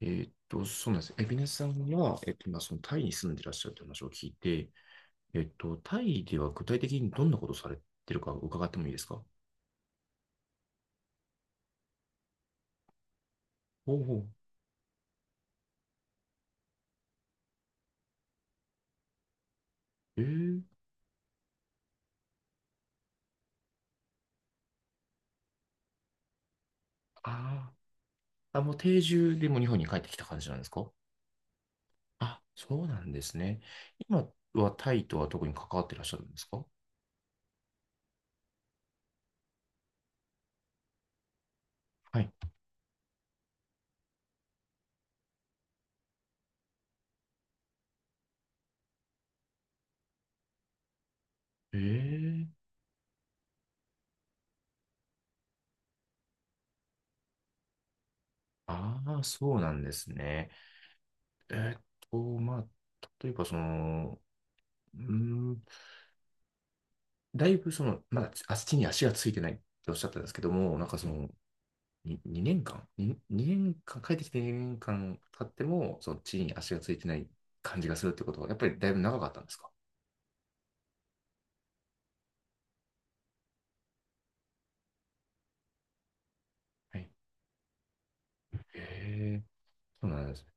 そうなんです。エビネスさんは、今、そのタイに住んでらっしゃるという話を聞いて、タイでは具体的にどんなことをされてるか伺ってもいいですか？おおう。えー、あーあ、もう定住でも日本に帰ってきた感じなんですか？あ、そうなんですね。今はタイとは特に関わってらっしゃるんですか？はい。えー、ああ、そうなんですね。えーっまあ、例えばその、うーだいぶその、まだ足に足がついてないっておっしゃったんですけども、なんかその、に2年間、帰ってきて2年間経っても、その地に足がついてない感じがするってことは、やっぱりだいぶ長かったんですか？はい。へえ、そうなんですね。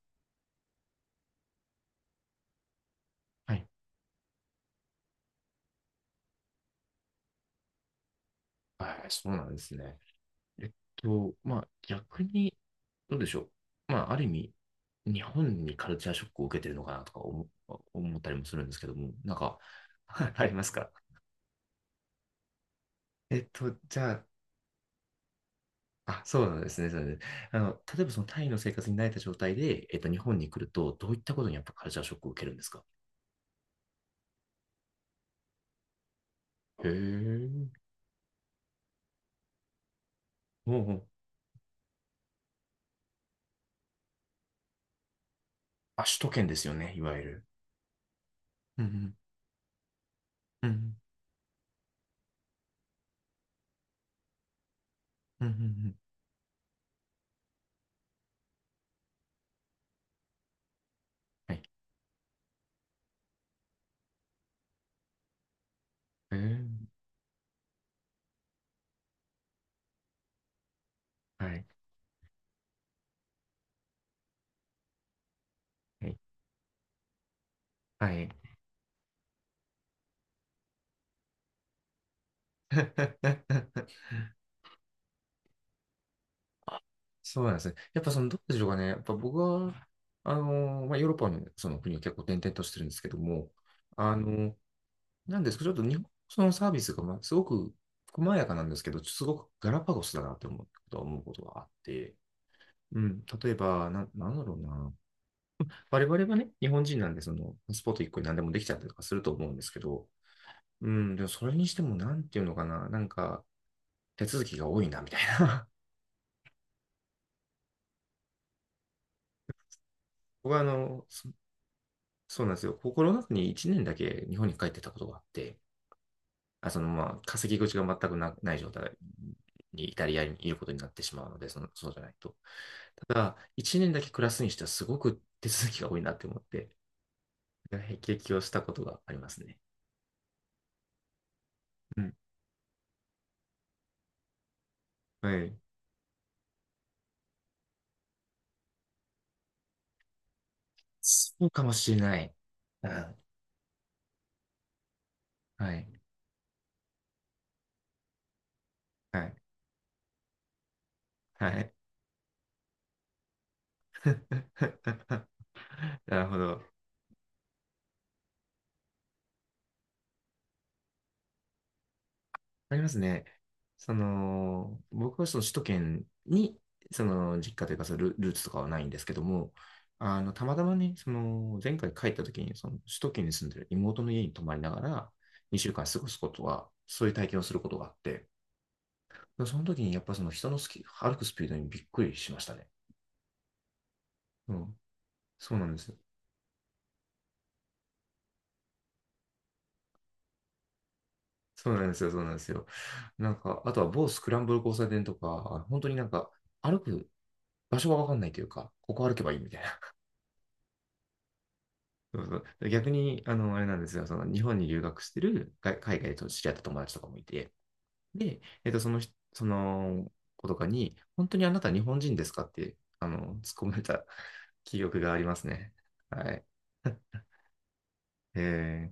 はい。はい、そうなんですね。まあ逆に、どうでしょう。まあある意味、日本にカルチャーショックを受けてるのかなとか思ったりもするんですけども、なんか。ありますか？じゃあ。あ、そうなんですね。そうなんですね。あの、例えばそのタイの生活に慣れた状態で、日本に来ると、どういったことにやっぱカルチャーショックを受けるんですか？へえ。おうおう。あ、首都圏ですよね、いわゆる。うんうん。うんうんうんうんうん、はい。へえ。はい。はい。はい。そうなんですね。やっぱその、どうでしょうかね。やっぱ僕は、まあ、ヨーロッパのその国を結構転々としてるんですけども、あのーなんですけど、ちょっと日本そのサービスが、まあ、すごく細やかなんですけど、すごくガラパゴスだなって思うことがあって、うん、例えば、なんだろうな。我々はね、日本人なんで、その、パスポート1個に何でもできちゃったりとかすると思うんですけど、うん、でもそれにしても、なんていうのかな、なんか、手続きが多いな、みたいな。僕は、そうなんですよ。コロナ禍に1年だけ日本に帰ってたことがあって、あそのまあ、稼ぎ口が全くない状態にイタリアにいることになってしまうので、その、そうじゃないと。ただ、1年だけ暮らすにしてはすごく手続きが多いなって思って、辟易をしたことがありますね。うん。はい。そうかもしれない。うん、はい。はい。はい。なるほど。ありますね。その、僕はその首都圏に、その実家というかそのルーツとかはないんですけども、あの、たまたまね、その、前回帰った時に、その、首都圏に住んでる妹の家に泊まりながら、2週間過ごすことは、そういう体験をすることがあって、その時にやっぱその人の歩くスピードにびっくりしましたね。うん。そうなんですよ。そうなんですよ、そうなんですよ。なんか、あとは某スクランブル交差点とか、本当になんか、歩く場所がわかんないというか、ここ歩けばいいみたいな。そうそう。逆に、あの、あれなんですよ、その日本に留学してる海外と知り合った友達とかもいて、で、その人、その子とかに、本当にあなた日本人ですかって、あの、突っ込まれた 記憶がありますね。はい。えー、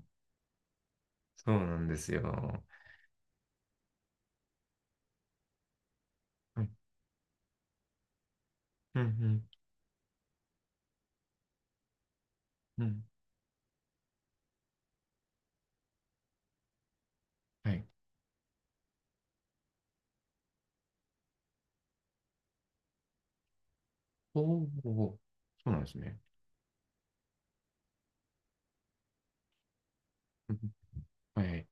そうなんですよ。うん、うん、うん。うん、はい。おーおー、そうなんですね。うんん、はい、はい。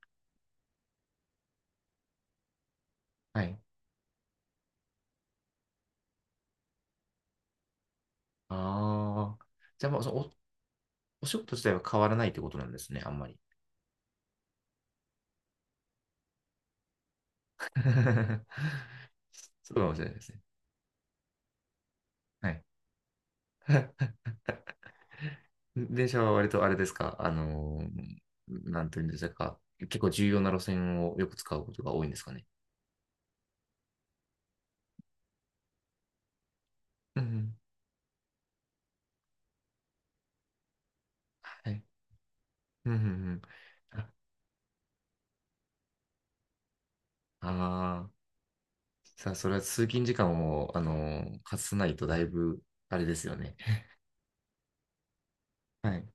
はい。ああ。じゃあ、もうお仕事自体は変わらないってことなんですね、あんまり。そうかもしれないですね。はい。電車は割とあれですか、なんていうんですか、結構重要な路線をよく使うことが多いんですかね。うんうん。はい。うんうんうん。ああー、さあ、それは通勤時間を、かさないとだいぶ、あれですよね。はい。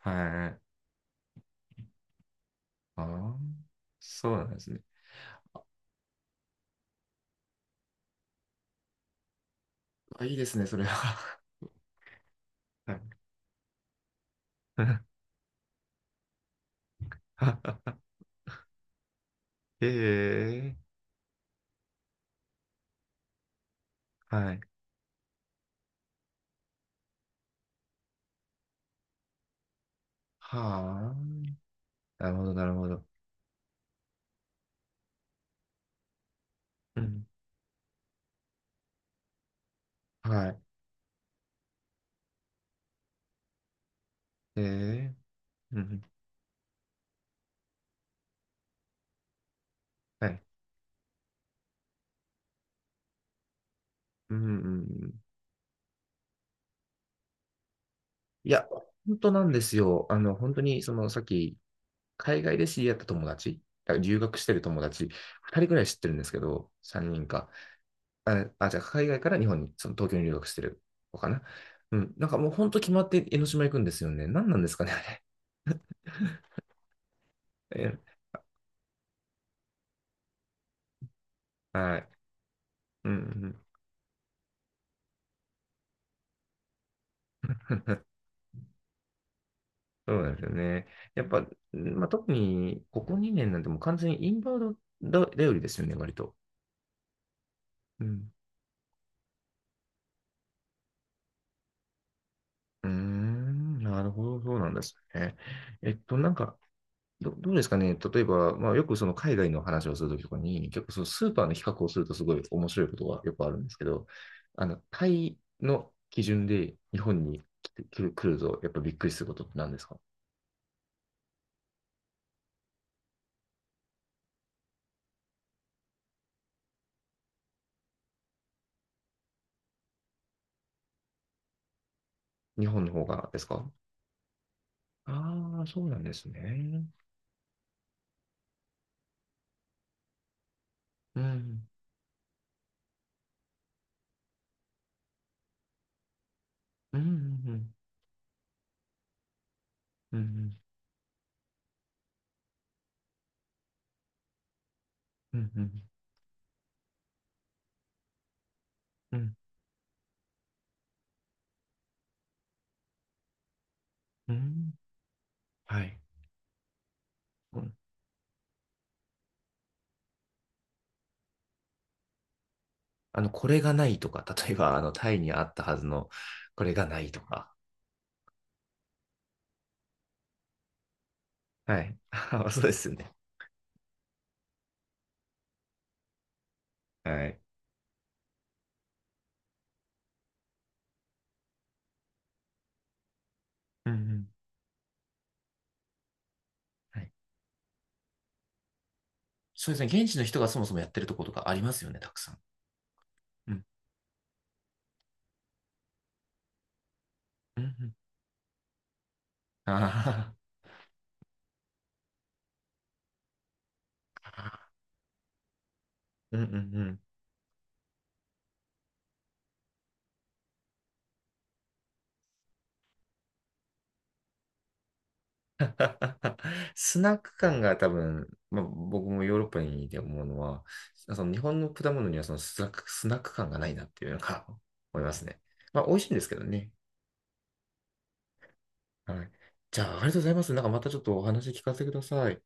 はい。ああ、そうなんですね。あ、いいですね、それは。はい。ええ、はい。はあ。なるほど、なるほど。うん。はい。ええ、うん。はい。うん、うんうん。いや、本当なんですよ。あの、本当に、その、さっき、海外で知り合った友達、だから留学してる友達、2人ぐらい知ってるんですけど、3人か。あ、じゃあ、海外から日本に、その東京に留学してる子かな。うん。なんかもう本当決まって江ノ島行くんですよね。何なんですかね、あれ。えはい。うん、うん。そうなんですよね。やっぱ、うんまあ、特にここ2年なんてもう完全にインバウンド頼りですよね、割と。うん。うーん、なるほど、そうなんですね。なんか、どうですかね。例えば、まあ、よくその海外の話をするときとかに、結構そのスーパーの比較をするとすごい面白いことがよくあるんですけど、あの、タイの基準で日本に来て、来ると、やっぱびっくりすることって何ですか？日本の方がですか？ああー、そうなんですね。うん、うん、うん、うん、うん、うん、うん、うん、うん、はい。あの、これがないとか、例えば、あの、タイにあったはずの、これがないとか。はい。そうですよね。はい。うんうん。はい。そうですね。現地の人がそもそもやってるとことかありますよね、たくさん。うん。うんうん。ああ。うんうんうん。スナック感が多分、まあ、僕もヨーロッパにいて思うのは、その日本の果物にはそのスナック感がないなっていうのが 思いますね。まあ、美味しいんですけどね。はい。じゃあ、ありがとうございます。なんかまたちょっとお話聞かせてください。